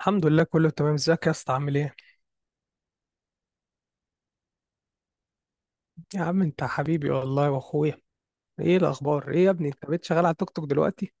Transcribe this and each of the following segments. الحمد لله، كله تمام. ازيك يا اسطى؟ عامل ايه؟ يا عم انت حبيبي والله واخويا. ايه الاخبار؟ ايه يا ابني انت بقيت شغال على التوك توك دلوقتي؟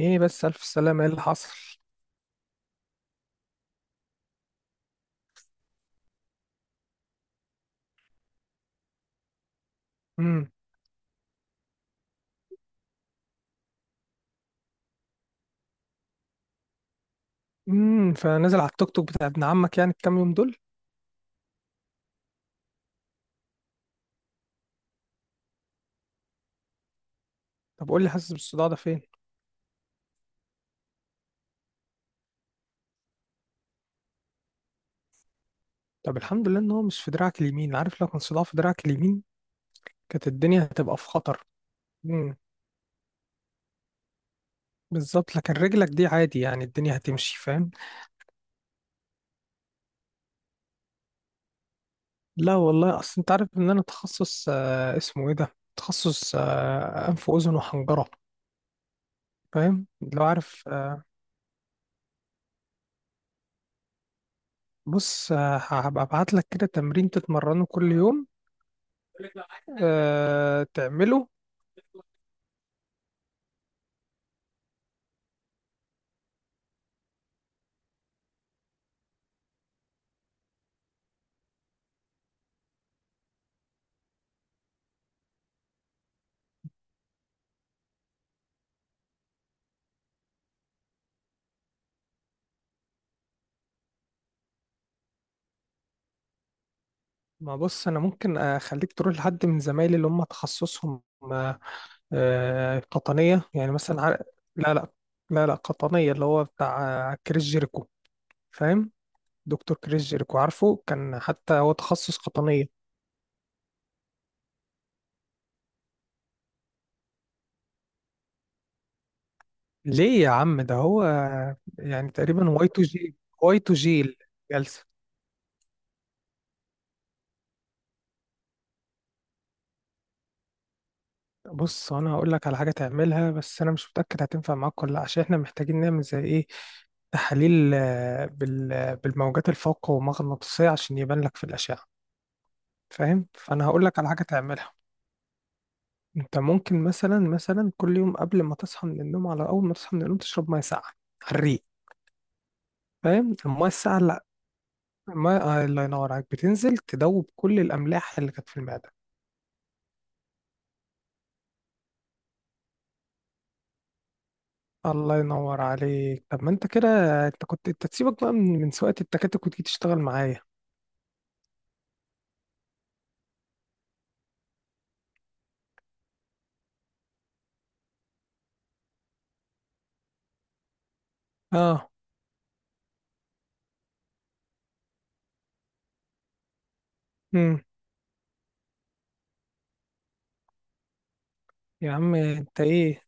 ايه بس؟ الف سلامه، ايه اللي حصل؟ امم فنزل على التوك توك بتاع ابن عمك يعني الكام يوم دول؟ طب قول لي، حاسس بالصداع ده فين؟ طب الحمد لله ان هو مش في دراعك اليمين. عارف، لو كان صداع في دراعك اليمين كانت الدنيا هتبقى في خطر. امم. بالظبط، لكن رجلك دي عادي يعني الدنيا هتمشي، فاهم. لا والله، اصل انت عارف ان انا تخصص اسمه ايه ده، تخصص انف واذن وحنجره. فاهم، لو عارف. بص، هبقى ابعت لك كده تمرين تتمرنه كل يوم، تعمله. ما بص، انا ممكن اخليك تروح لحد من زمايلي اللي هم تخصصهم. آه، قطنيه يعني مثلا لا، لا، لا، لا، قطنيه اللي هو بتاع كريس جيريكو. فاهم. دكتور كريس جيريكو، عارفه كان حتى هو تخصص قطنيه. ليه يا عم؟ ده هو يعني تقريبا واي تو جي. واي تو جي الجلسه. بص، انا هقول لك على حاجه تعملها، بس انا مش متاكد هتنفع معاك ولا لا، عشان احنا محتاجين نعمل زي ايه، تحاليل بالموجات الفوق مغناطيسيه عشان يبان لك في الاشعه، فاهم. فانا هقول لك على حاجه تعملها. انت ممكن مثلا كل يوم قبل ما تصحى من النوم، على اول ما تصحى من النوم، تشرب ميه ساقعه على الريق، فاهم. الميه الساقعه، لا، الميه الله ينور عليك، بتنزل تدوب كل الاملاح اللي كانت في المعده. الله ينور عليك. طب ما انت كده، انت تسيبك بقى من سواقه التكاتك وتيجي تشتغل معايا. اه. امم. يا عم انت ايه؟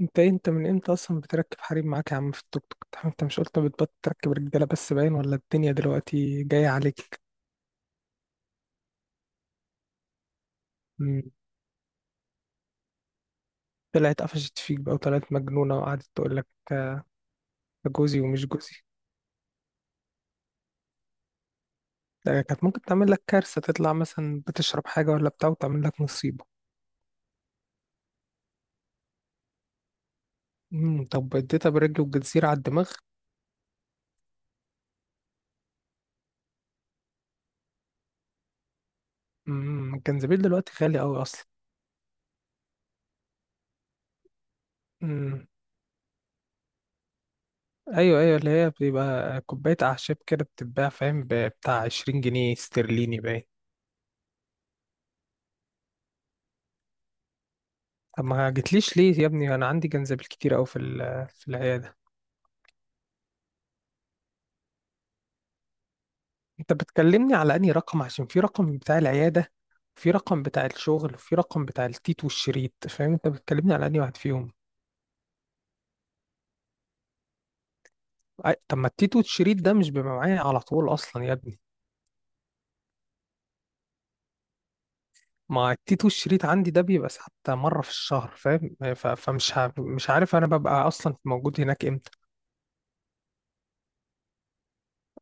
انت ايه؟ انت من امتى اصلا بتركب حريم معاك يا عم في التوك توك؟ انت مش قلت بتبطل تركب رجاله بس؟ باين، ولا الدنيا دلوقتي جايه عليك. مم. طلعت قفشت فيك بقى، وطلعت مجنونه وقعدت تقول لك آه، جوزي ومش جوزي. ده كانت ممكن تعمل لك كارثه، تطلع مثلا بتشرب حاجه ولا بتاع وتعمل لك مصيبه. امم. طب اديتها برجل الجزيره على الدماغ؟ الجنزبيل دلوقتي غالي قوي اصلا. مم. ايوه، ايوه، اللي هي بتبقى كوبايه اعشاب كده بتتباع، فاهم بتاع 20 جنيه استرليني باين. طب ما جتليش ليه يا ابني؟ انا عندي جنزبيل كتير قوي في في العياده. انت بتكلمني على انهي رقم؟ عشان في رقم بتاع العياده، في رقم بتاع الشغل، وفي رقم بتاع التيت والشريط، فاهم. انت بتكلمني على انهي واحد فيهم؟ طب ما التيت والشريط ده مش بيبقى معايا على طول اصلا يا ابني. ما التيت والشريط عندي ده بيبقى حتى مره في الشهر، فاهم. فمش مش عارف انا ببقى اصلا موجود هناك امتى.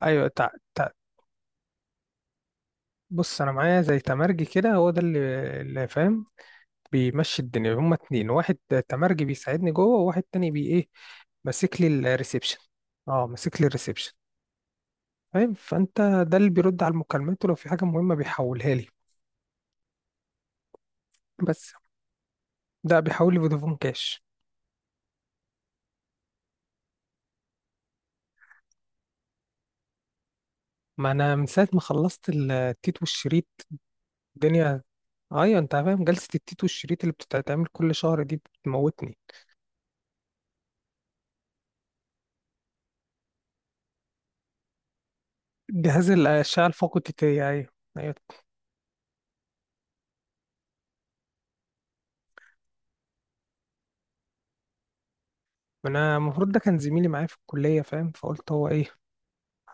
ايوه. بص، انا معايا زي تمرجي كده، هو ده اللي فاهم بيمشي الدنيا. هما اتنين، واحد تمرجي بيساعدني جوه، وواحد تاني بي ايه، ماسك لي الريسبشن. اه، ماسك لي الريسبشن. فاهم، فانت، ده اللي بيرد على المكالمات، ولو في حاجه مهمه بيحولها لي. بس ده بيحول لي فودافون كاش. ما انا من ساعه ما خلصت التيت والشريط الدنيا. ايوه، انت فاهم جلسه التيت والشريط اللي بتتعمل كل شهر دي بتموتني. جهاز الاشعه الفوق التيتيه، ايوه. ايوه، ما انا المفروض ده كان زميلي معايا في الكلية، فاهم، فقلت هو ايه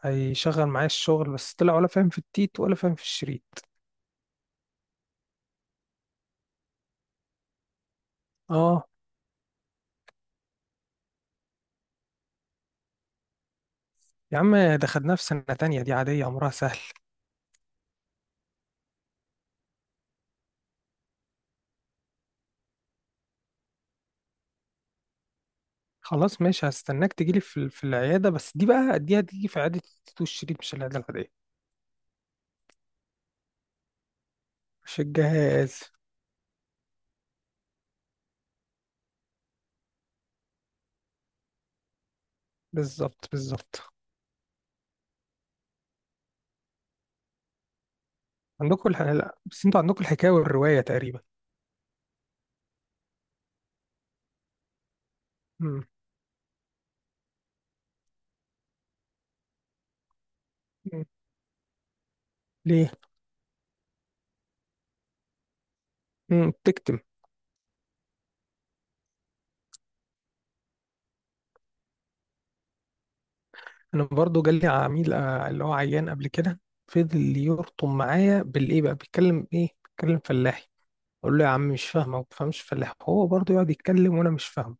هيشغل معايا الشغل، بس طلع ولا فاهم في التيت ولا فاهم في الشريط. اه، يا عم دخلناه في سنة تانية، دي عادية امرها سهل. خلاص ماشي، هستناك تجيلي في العيادة، بس دي بقى دي هتيجي في عيادة التيت والشريط، مش العيادة العادية. مش الجهاز. بالظبط، بالظبط. عندكم لا، بس انتوا عندكم الحكاية والرواية تقريبا. امم. ليه؟ تكتم. انا برضو جالي عميل اللي هو عيان قبل كده، فضل يرطم معايا بالايه بقى، بيتكلم ايه؟ بيتكلم فلاحي. اقول له يا عم مش فاهمه، ما بفهمش فلاح، هو برضو يقعد يتكلم وانا مش فاهمه.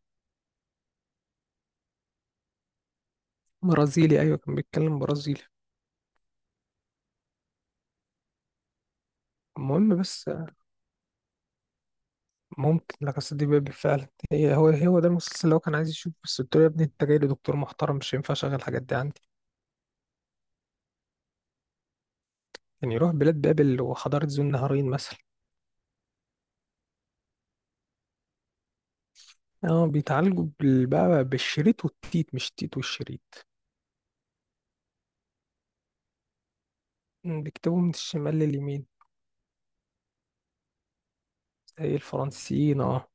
برازيلي؟ ايوه كان بيتكلم برازيلي. المهم بس ممكن، لا قصة دي بابل فعلا. هي هو هو ده المسلسل اللي هو كان عايز يشوفه، بس قلت له يا ابني انت جاي لدكتور محترم، مش هينفع اشغل الحاجات دي عندي. يعني يروح بلاد بابل وحضارة ذو النهارين مثلا. اه، بيتعالجوا بقى بالشريط والتيت، مش التيت والشريط. بيكتبوا من الشمال لليمين. زي الفرنسيين، اه.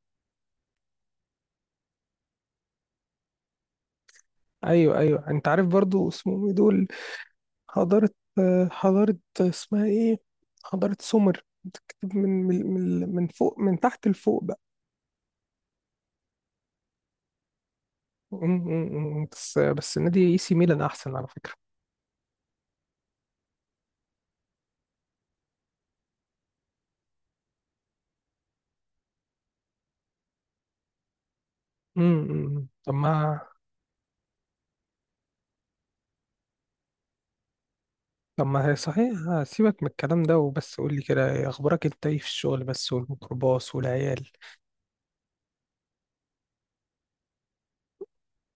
ايوه، ايوه، انت عارف برضو اسمهم ايه دول؟ حضارة حضارة اسمها ايه، حضارة سومر، بتكتب من فوق، من تحت لفوق بقى. م- م- م. بس بس نادي اي سي ميلان احسن على فكرة. م- م. طب ما هي صحيح. سيبك من الكلام ده وبس، قول لي كده، إيه اخبارك انت؟ ايه في الشغل بس والميكروباص والعيال؟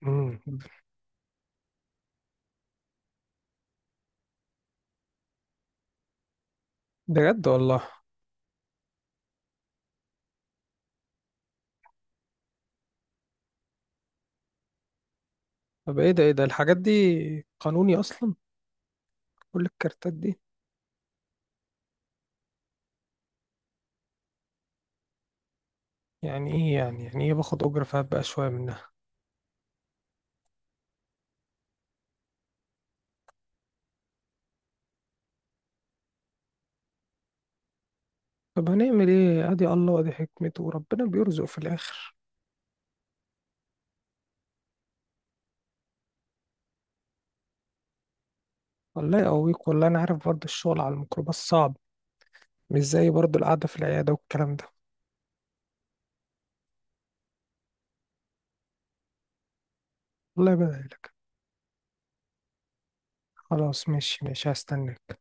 م. بجد والله. طب ايه ده؟ ايه ده الحاجات دي؟ قانوني اصلا؟ كل الكارتات دي؟ يعني ايه؟ يعني ايه باخد اجره فهات بقى شويه منها؟ طب هنعمل ايه؟ ادي الله وادي حكمته وربنا بيرزق في الاخر. الله يقويك والله، انا عارف برضه الشغل على الميكروباص صعب، مش زي برضه القعده في العياده والكلام ده. والله يبارك لك. خلاص ماشي، ماشي، هستناك.